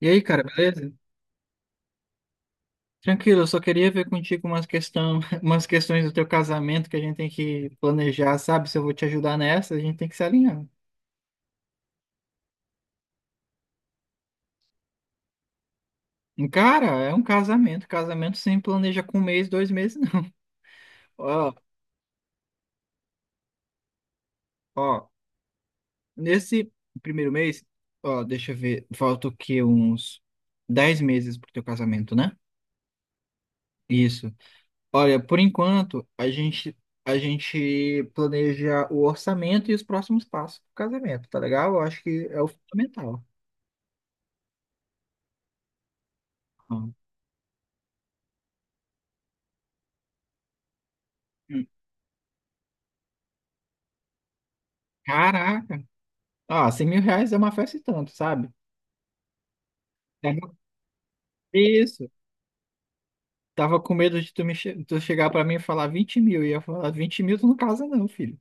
E aí, cara, beleza? Tranquilo, eu só queria ver contigo umas questão, umas questões do teu casamento que a gente tem que planejar, sabe? Se eu vou te ajudar nessa, a gente tem que se alinhar. Cara, é um casamento. Casamento sem planeja com um mês, dois meses, não. Ó, ó, nesse primeiro mês, ó, deixa eu ver, falta o quê? Uns 10 meses pro teu casamento, né? Isso. Olha, por enquanto, a gente planeja o orçamento e os próximos passos do casamento, tá legal? Eu acho que é o fundamental. Hum. Caraca! Ah, R$ 100.000 é uma festa e tanto, sabe? Tava- Isso. Tava com medo de tu chegar pra mim e falar 20 mil. E eu ia falar, 20 mil tu não casa não, filho.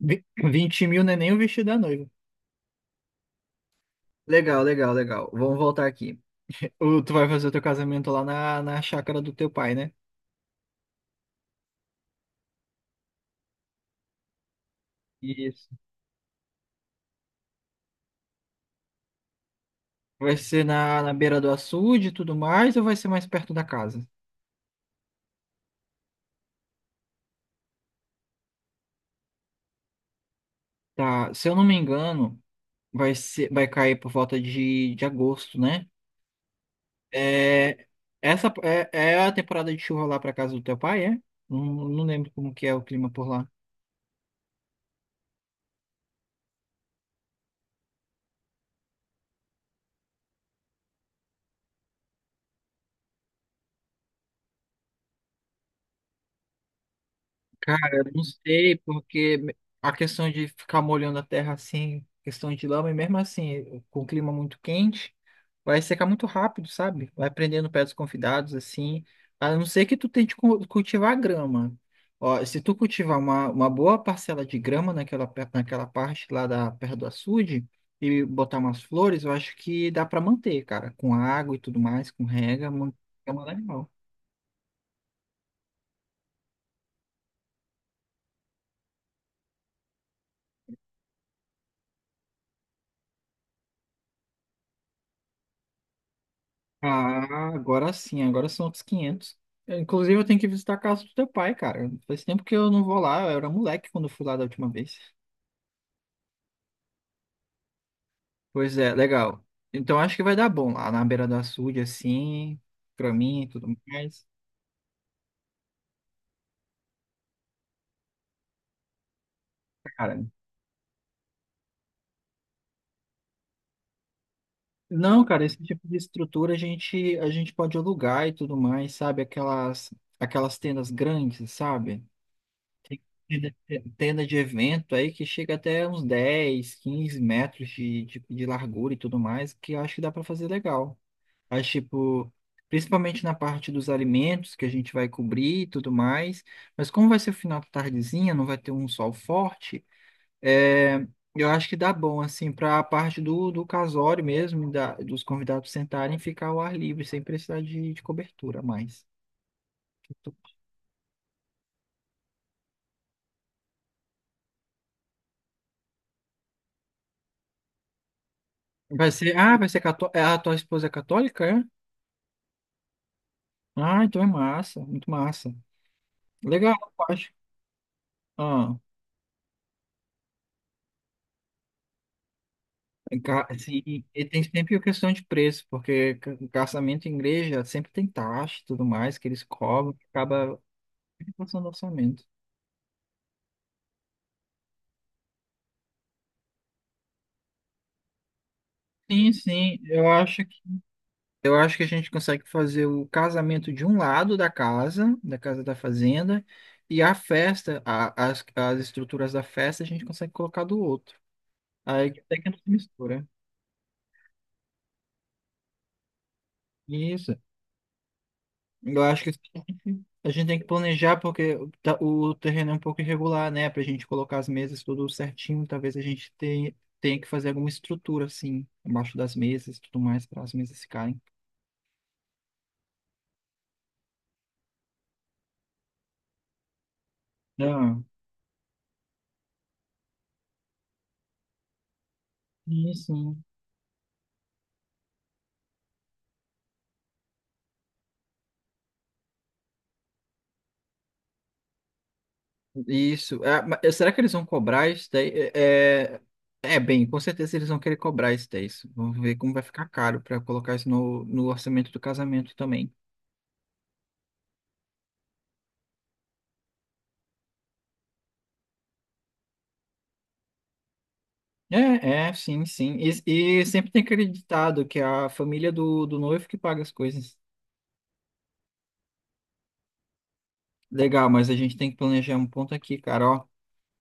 20 mil não é nem o vestido da noiva. Legal, legal, legal. Vamos voltar aqui. Tu vai fazer o teu casamento lá na chácara do teu pai, né? Isso. Vai ser na beira do açude e tudo mais, ou vai ser mais perto da casa? Tá, se eu não me engano, vai ser, vai cair por volta de agosto, né? É, essa é a temporada de chuva lá para casa do teu pai, é? Não, não lembro como que é o clima por lá. Cara, eu não sei, porque a questão de ficar molhando a terra assim, questão de lama, e mesmo assim, com o clima muito quente, vai secar muito rápido, sabe? Vai prendendo o pé dos convidados, assim, a não ser que tu tente cultivar grama. Ó, se tu cultivar uma boa parcela de grama naquela parte lá da perto do açude e botar umas flores, eu acho que dá pra manter, cara, com água e tudo mais, com rega, é uma legal. Ah, agora sim, agora são outros quinhentos. Eu, inclusive, eu tenho que visitar a casa do teu pai, cara. Faz tempo que eu não vou lá, eu era moleque quando eu fui lá da última vez. Pois é, legal. Então acho que vai dar bom lá na beira do açude, assim, pra mim e tudo mais. Cara, não, cara, esse tipo de estrutura a gente pode alugar e tudo mais, sabe? Aquelas tendas grandes, sabe? Tenda de evento aí que chega até uns 10, 15 metros de largura e tudo mais, que eu acho que dá para fazer legal. Mas, tipo, principalmente na parte dos alimentos que a gente vai cobrir e tudo mais. Mas como vai ser o final da tardezinha, não vai ter um sol forte, é, eu acho que dá bom, assim, para a parte do casório mesmo, dos convidados sentarem e ficar ao ar livre, sem precisar de cobertura a mais. Vai ser... A tua esposa é católica, é? Ah, então é massa, muito massa. Legal, eu acho. Ah, e tem sempre a questão de preço, porque casamento em igreja sempre tem taxa e tudo mais que eles cobram, que acaba passando orçamento. Sim, sim, eu acho que a gente consegue fazer o casamento de um lado da casa, da casa da fazenda, e a festa, as estruturas da festa a gente consegue colocar do outro. Aí até que não se mistura. Isso. Eu acho que a gente tem que planejar porque o terreno é um pouco irregular, né? Pra gente colocar as mesas tudo certinho, talvez a gente tenha que fazer alguma estrutura, assim, embaixo das mesas e tudo mais, para as mesas ficarem. Não, isso. Isso. É, será que eles vão cobrar isso daí? É, bem, com certeza eles vão querer cobrar isso daí. Isso. Vamos ver como vai ficar caro para colocar isso no orçamento do casamento também. É, é, sim, sim. E sempre tem acreditado que é a família do noivo que paga as coisas. Legal, mas a gente tem que planejar um ponto aqui, cara, ó.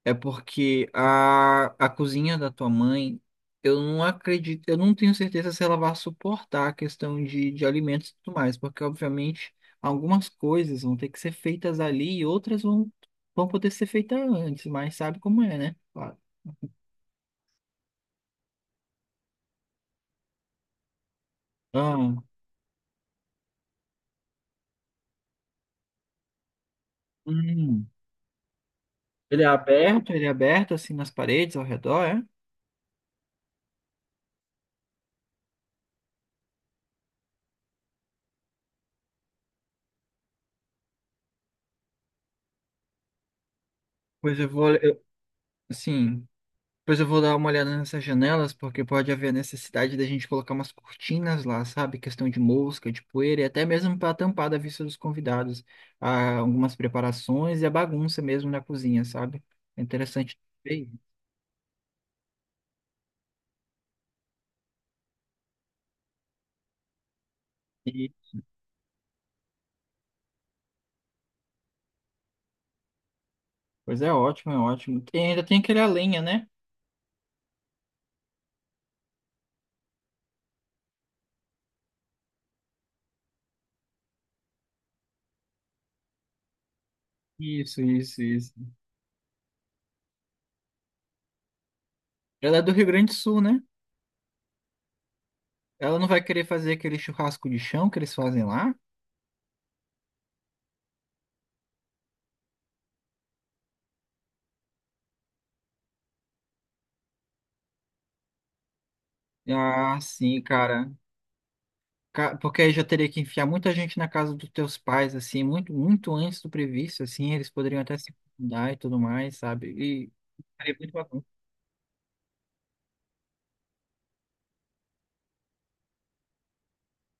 É porque a cozinha da tua mãe, eu não acredito, eu não tenho certeza se ela vai suportar a questão de alimentos e tudo mais, porque obviamente algumas coisas vão ter que ser feitas ali e outras vão poder ser feitas antes, mas sabe como é, né? Claro. Ah, hum. Ele é aberto assim nas paredes ao redor, é? Pois eu vou, eu, sim, pois eu vou dar uma olhada nessas janelas, porque pode haver necessidade da gente colocar umas cortinas lá, sabe? Questão de mosca, de poeira, e até mesmo para tampar da vista dos convidados, algumas preparações e a bagunça mesmo na cozinha, sabe? É interessante. Ver isso. E, pois é, ótimo, é ótimo. E ainda tem aquele a lenha, né? Isso, isso, isso. Ela é do Rio Grande do Sul, né? Ela não vai querer fazer aquele churrasco de chão que eles fazem lá? Ah, sim, cara. Porque aí já teria que enfiar muita gente na casa dos teus pais, assim, muito, muito antes do previsto, assim, eles poderiam até se mudar e tudo mais, sabe? E seria muito bacana.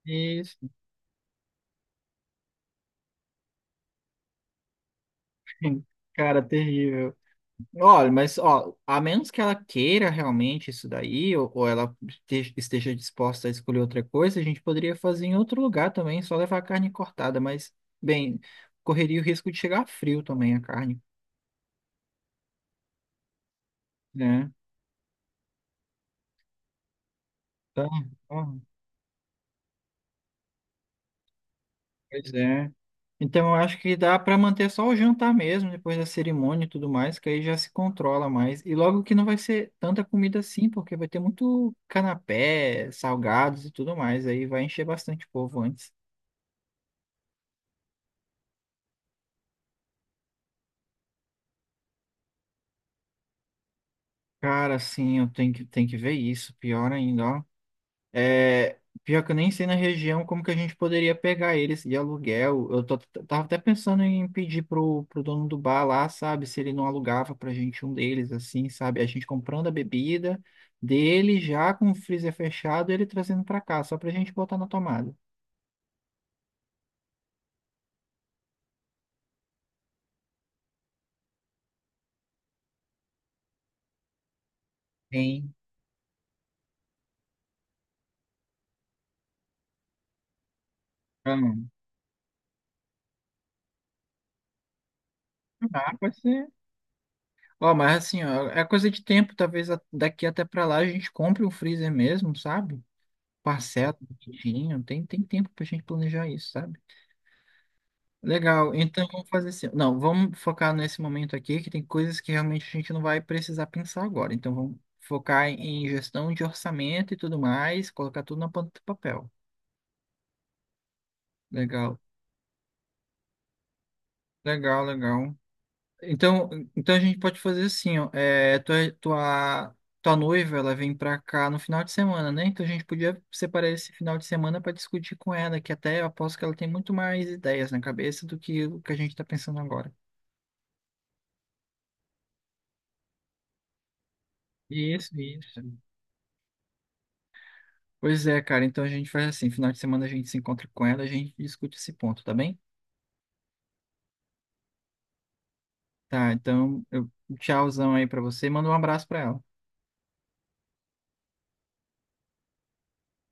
Isso, cara, terrível. Olha, mas, ó, a menos que ela queira realmente isso daí, ou ela esteja disposta a escolher outra coisa, a gente poderia fazer em outro lugar também, só levar a carne cortada, mas, bem, correria o risco de chegar frio também a carne, né? Então, ó. Pois é. Então eu acho que dá para manter só o jantar mesmo, depois da cerimônia e tudo mais, que aí já se controla mais. E logo que não vai ser tanta comida assim, porque vai ter muito canapé, salgados e tudo mais, aí vai encher bastante o povo antes. Cara, sim, eu tenho que ver isso, pior ainda, ó. É, pior que eu nem sei na região como que a gente poderia pegar eles de aluguel. Tava até pensando em pedir pro dono do bar lá, sabe, se ele não alugava pra gente um deles, assim, sabe? A gente comprando a bebida dele já com o freezer fechado, ele trazendo pra cá, só pra gente botar na tomada. Sim. Ah, não. Ah, pode ser. Ó, mas assim, ó, é coisa de tempo, talvez daqui até pra lá a gente compre um freezer mesmo, sabe? Parcela, direitinho, tem tempo pra gente planejar isso, sabe? Legal, então vamos fazer assim. Não, vamos focar nesse momento aqui, que tem coisas que realmente a gente não vai precisar pensar agora. Então vamos focar em gestão de orçamento e tudo mais, colocar tudo na ponta do papel. Legal, legal, legal. Então, então a gente pode fazer assim, ó, é, tua noiva, ela vem pra cá no final de semana, né? Então a gente podia separar esse final de semana para discutir com ela, que até eu aposto que ela tem muito mais ideias na cabeça do que o que a gente está pensando agora. Isso, isso. Pois é, cara. Então a gente faz assim, final de semana a gente se encontra com ela, a gente discute esse ponto, tá bem? Tá, então eu um tchauzão aí pra você, manda um abraço pra ela.